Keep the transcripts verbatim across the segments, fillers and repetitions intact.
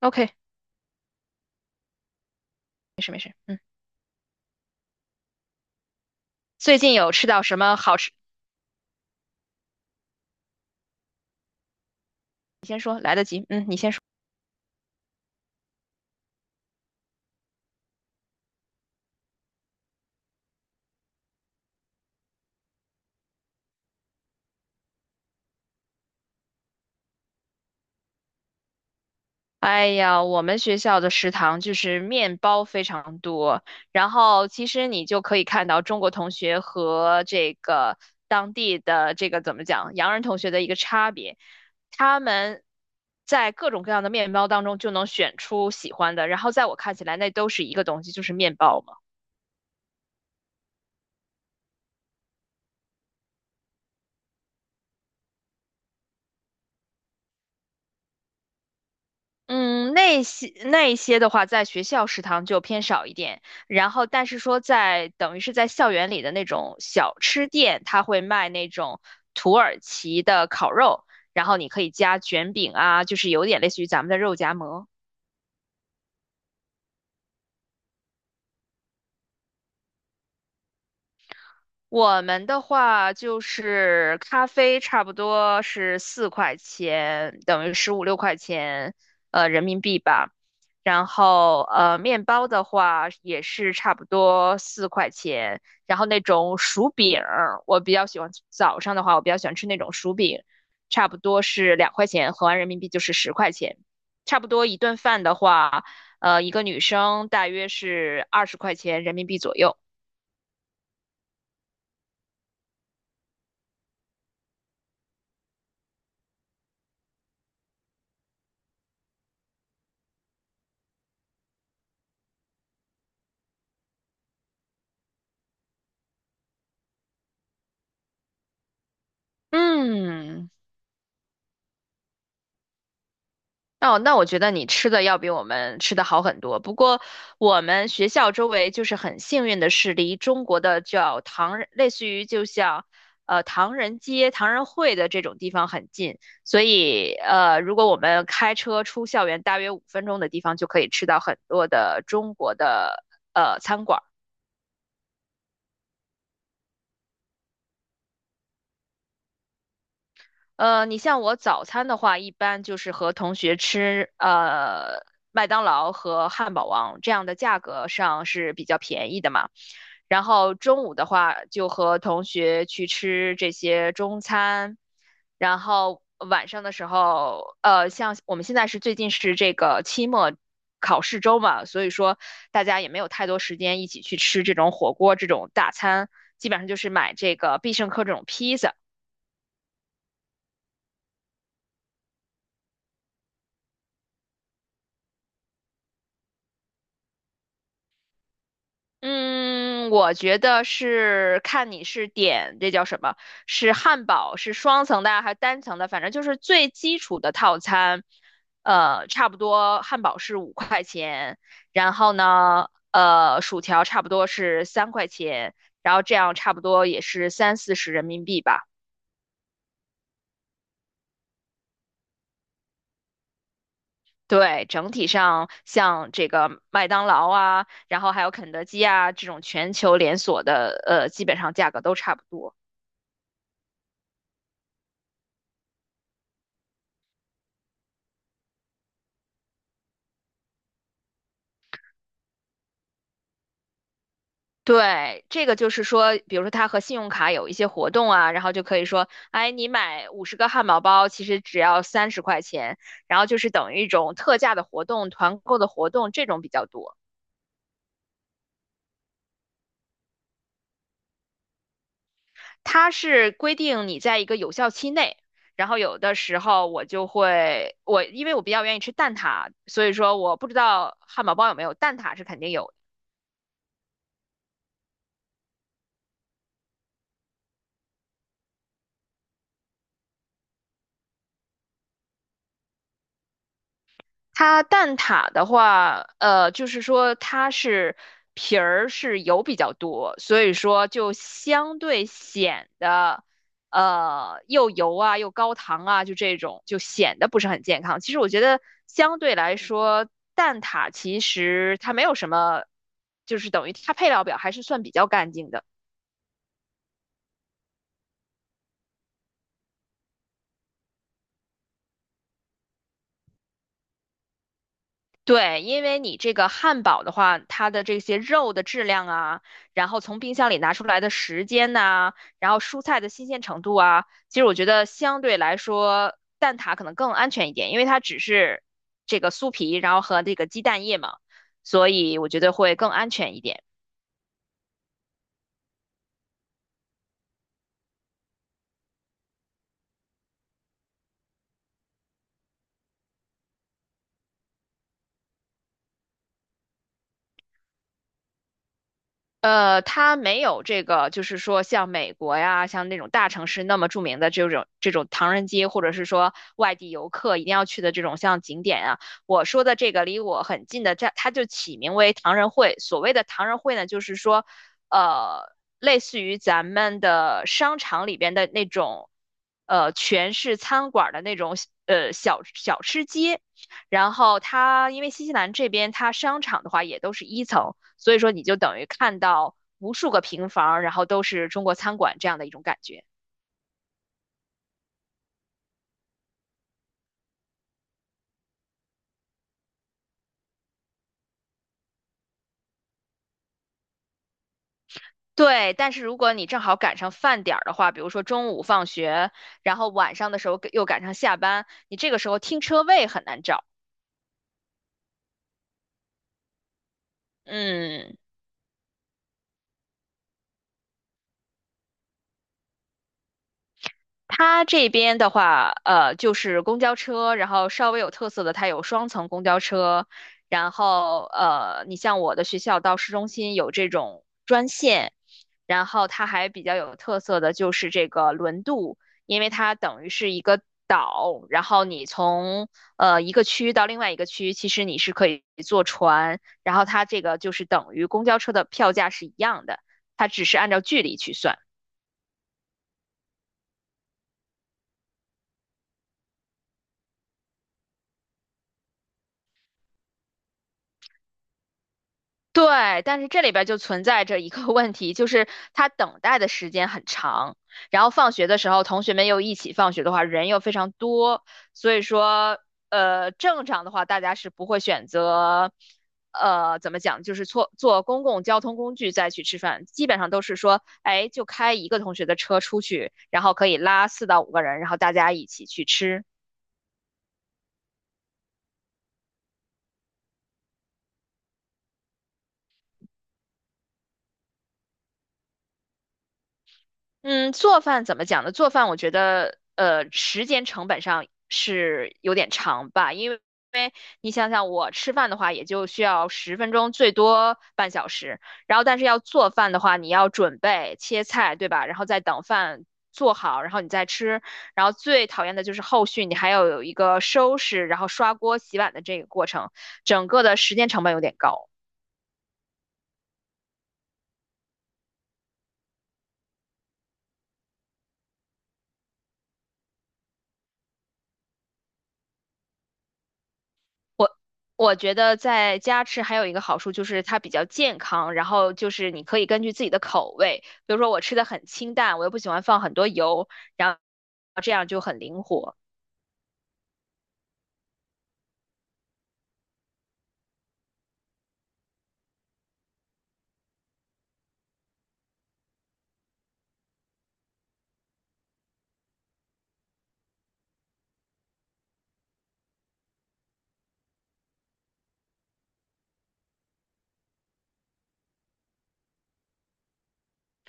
OK，没事没事，嗯，最近有吃到什么好吃？你先说，来得及，嗯，你先说。哎呀，我们学校的食堂就是面包非常多，然后其实你就可以看到中国同学和这个当地的这个怎么讲，洋人同学的一个差别。他们在各种各样的面包当中就能选出喜欢的，然后在我看起来，那都是一个东西，就是面包嘛。嗯，那些那一些的话，在学校食堂就偏少一点。然后，但是说在等于是在校园里的那种小吃店，它会卖那种土耳其的烤肉，然后你可以加卷饼啊，就是有点类似于咱们的肉夹馍。我们的话就是咖啡差不多是四块钱，等于十五六块钱，呃，人民币吧。然后呃，面包的话也是差不多四块钱。然后那种薯饼儿我比较喜欢早上的话，我比较喜欢吃那种薯饼，差不多是两块钱，合完人民币就是十块钱。差不多一顿饭的话，呃，一个女生大约是二十块钱人民币左右。嗯，哦，那我觉得你吃的要比我们吃的好很多。不过我们学校周围就是很幸运的是，离中国的叫唐人类似于就像呃唐人街、唐人会的这种地方很近，所以呃，如果我们开车出校园大约五分钟的地方，就可以吃到很多的中国的呃餐馆。呃，你像我早餐的话，一般就是和同学吃呃麦当劳和汉堡王这样的价格上是比较便宜的嘛。然后中午的话，就和同学去吃这些中餐。然后晚上的时候，呃，像我们现在是最近是这个期末考试周嘛，所以说大家也没有太多时间一起去吃这种火锅这种大餐，基本上就是买这个必胜客这种披萨。嗯，我觉得是看你是点这叫什么，是汉堡是双层的啊还是单层的，反正就是最基础的套餐，呃，差不多汉堡是五块钱，然后呢，呃，薯条差不多是三块钱，然后这样差不多也是三四十人民币吧。对，整体上像这个麦当劳啊，然后还有肯德基啊这种全球连锁的，呃，基本上价格都差不多。对，这个就是说，比如说它和信用卡有一些活动啊，然后就可以说，哎，你买五十个汉堡包，其实只要三十块钱，然后就是等于一种特价的活动、团购的活动，这种比较多。它是规定你在一个有效期内，然后有的时候我就会，我因为我比较愿意吃蛋挞，所以说我不知道汉堡包有没有，蛋挞是肯定有它蛋挞的话，呃，就是说它是皮儿是油比较多，所以说就相对显得，呃，又油啊又高糖啊，就这种就显得不是很健康。其实我觉得相对来说，蛋挞其实它没有什么，就是等于它配料表还是算比较干净的。对，因为你这个汉堡的话，它的这些肉的质量啊，然后从冰箱里拿出来的时间呐、然后蔬菜的新鲜程度啊，其实我觉得相对来说，蛋挞可能更安全一点，因为它只是这个酥皮，然后和这个鸡蛋液嘛，所以我觉得会更安全一点。呃，它没有这个，就是说像美国呀，像那种大城市那么著名的这种这种唐人街，或者是说外地游客一定要去的这种像景点啊。我说的这个离我很近的，它它就起名为唐人会。所谓的唐人会呢，就是说，呃，类似于咱们的商场里边的那种，呃，全是餐馆儿的那种，呃，小小吃街。然后它因为新西兰这边它商场的话也都是一层，所以说你就等于看到无数个平房，然后都是中国餐馆这样的一种感觉。对，但是如果你正好赶上饭点儿的话，比如说中午放学，然后晚上的时候又赶上下班，你这个时候停车位很难找。嗯，它这边的话，呃，就是公交车，然后稍微有特色的，它有双层公交车，然后呃，你像我的学校到市中心有这种专线，然后它还比较有特色的就是这个轮渡，因为它等于是一个岛，然后你从呃一个区到另外一个区，其实你是可以坐船，然后它这个就是等于公交车的票价是一样的，它只是按照距离去算。对，但是这里边就存在着一个 问题，就是他等待的时间很长，然后放学的时候，同学们又一起放学的话，人又非常多，所以说，呃，正常的话，大家是不会选择，呃，怎么讲，就是坐坐公共交通工具再去吃饭，基本上都是说，哎，就开一个同学的车出去，然后可以拉四到五个人，然后大家一起去吃。嗯，做饭怎么讲呢？做饭我觉得，呃，时间成本上是有点长吧，因为因为你想想，我吃饭的话也就需要十分钟，最多半小时。然后，但是要做饭的话，你要准备切菜，对吧？然后再等饭做好，然后你再吃。然后最讨厌的就是后续你还要有一个收拾，然后刷锅、洗碗的这个过程，整个的时间成本有点高。我我觉得在家吃还有一个好处就是它比较健康，然后就是你可以根据自己的口味，比如说我吃的很清淡，我又不喜欢放很多油，然后这样就很灵活。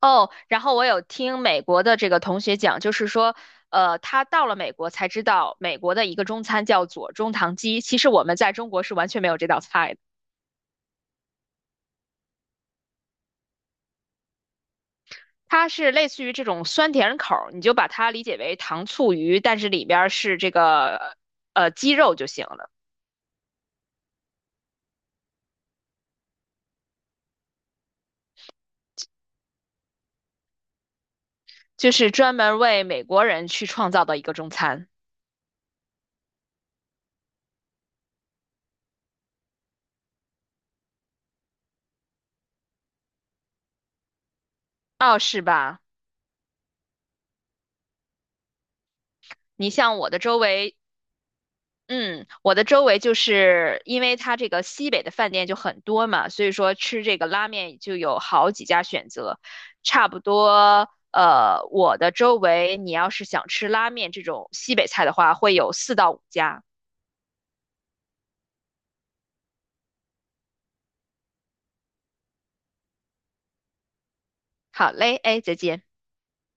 哦，然后我有听美国的这个同学讲，就是说，呃，他到了美国才知道美国的一个中餐叫左中棠鸡，其实我们在中国是完全没有这道菜的。它是类似于这种酸甜口儿，你就把它理解为糖醋鱼，但是里边儿是这个呃鸡肉就行了。就是专门为美国人去创造的一个中餐。哦，是吧？你像我的周围，嗯，我的周围就是因为它这个西北的饭店就很多嘛，所以说吃这个拉面就有好几家选择。差不多，呃，我的周围你要是想吃拉面这种西北菜的话，会有四到五家。好嘞，哎，再见。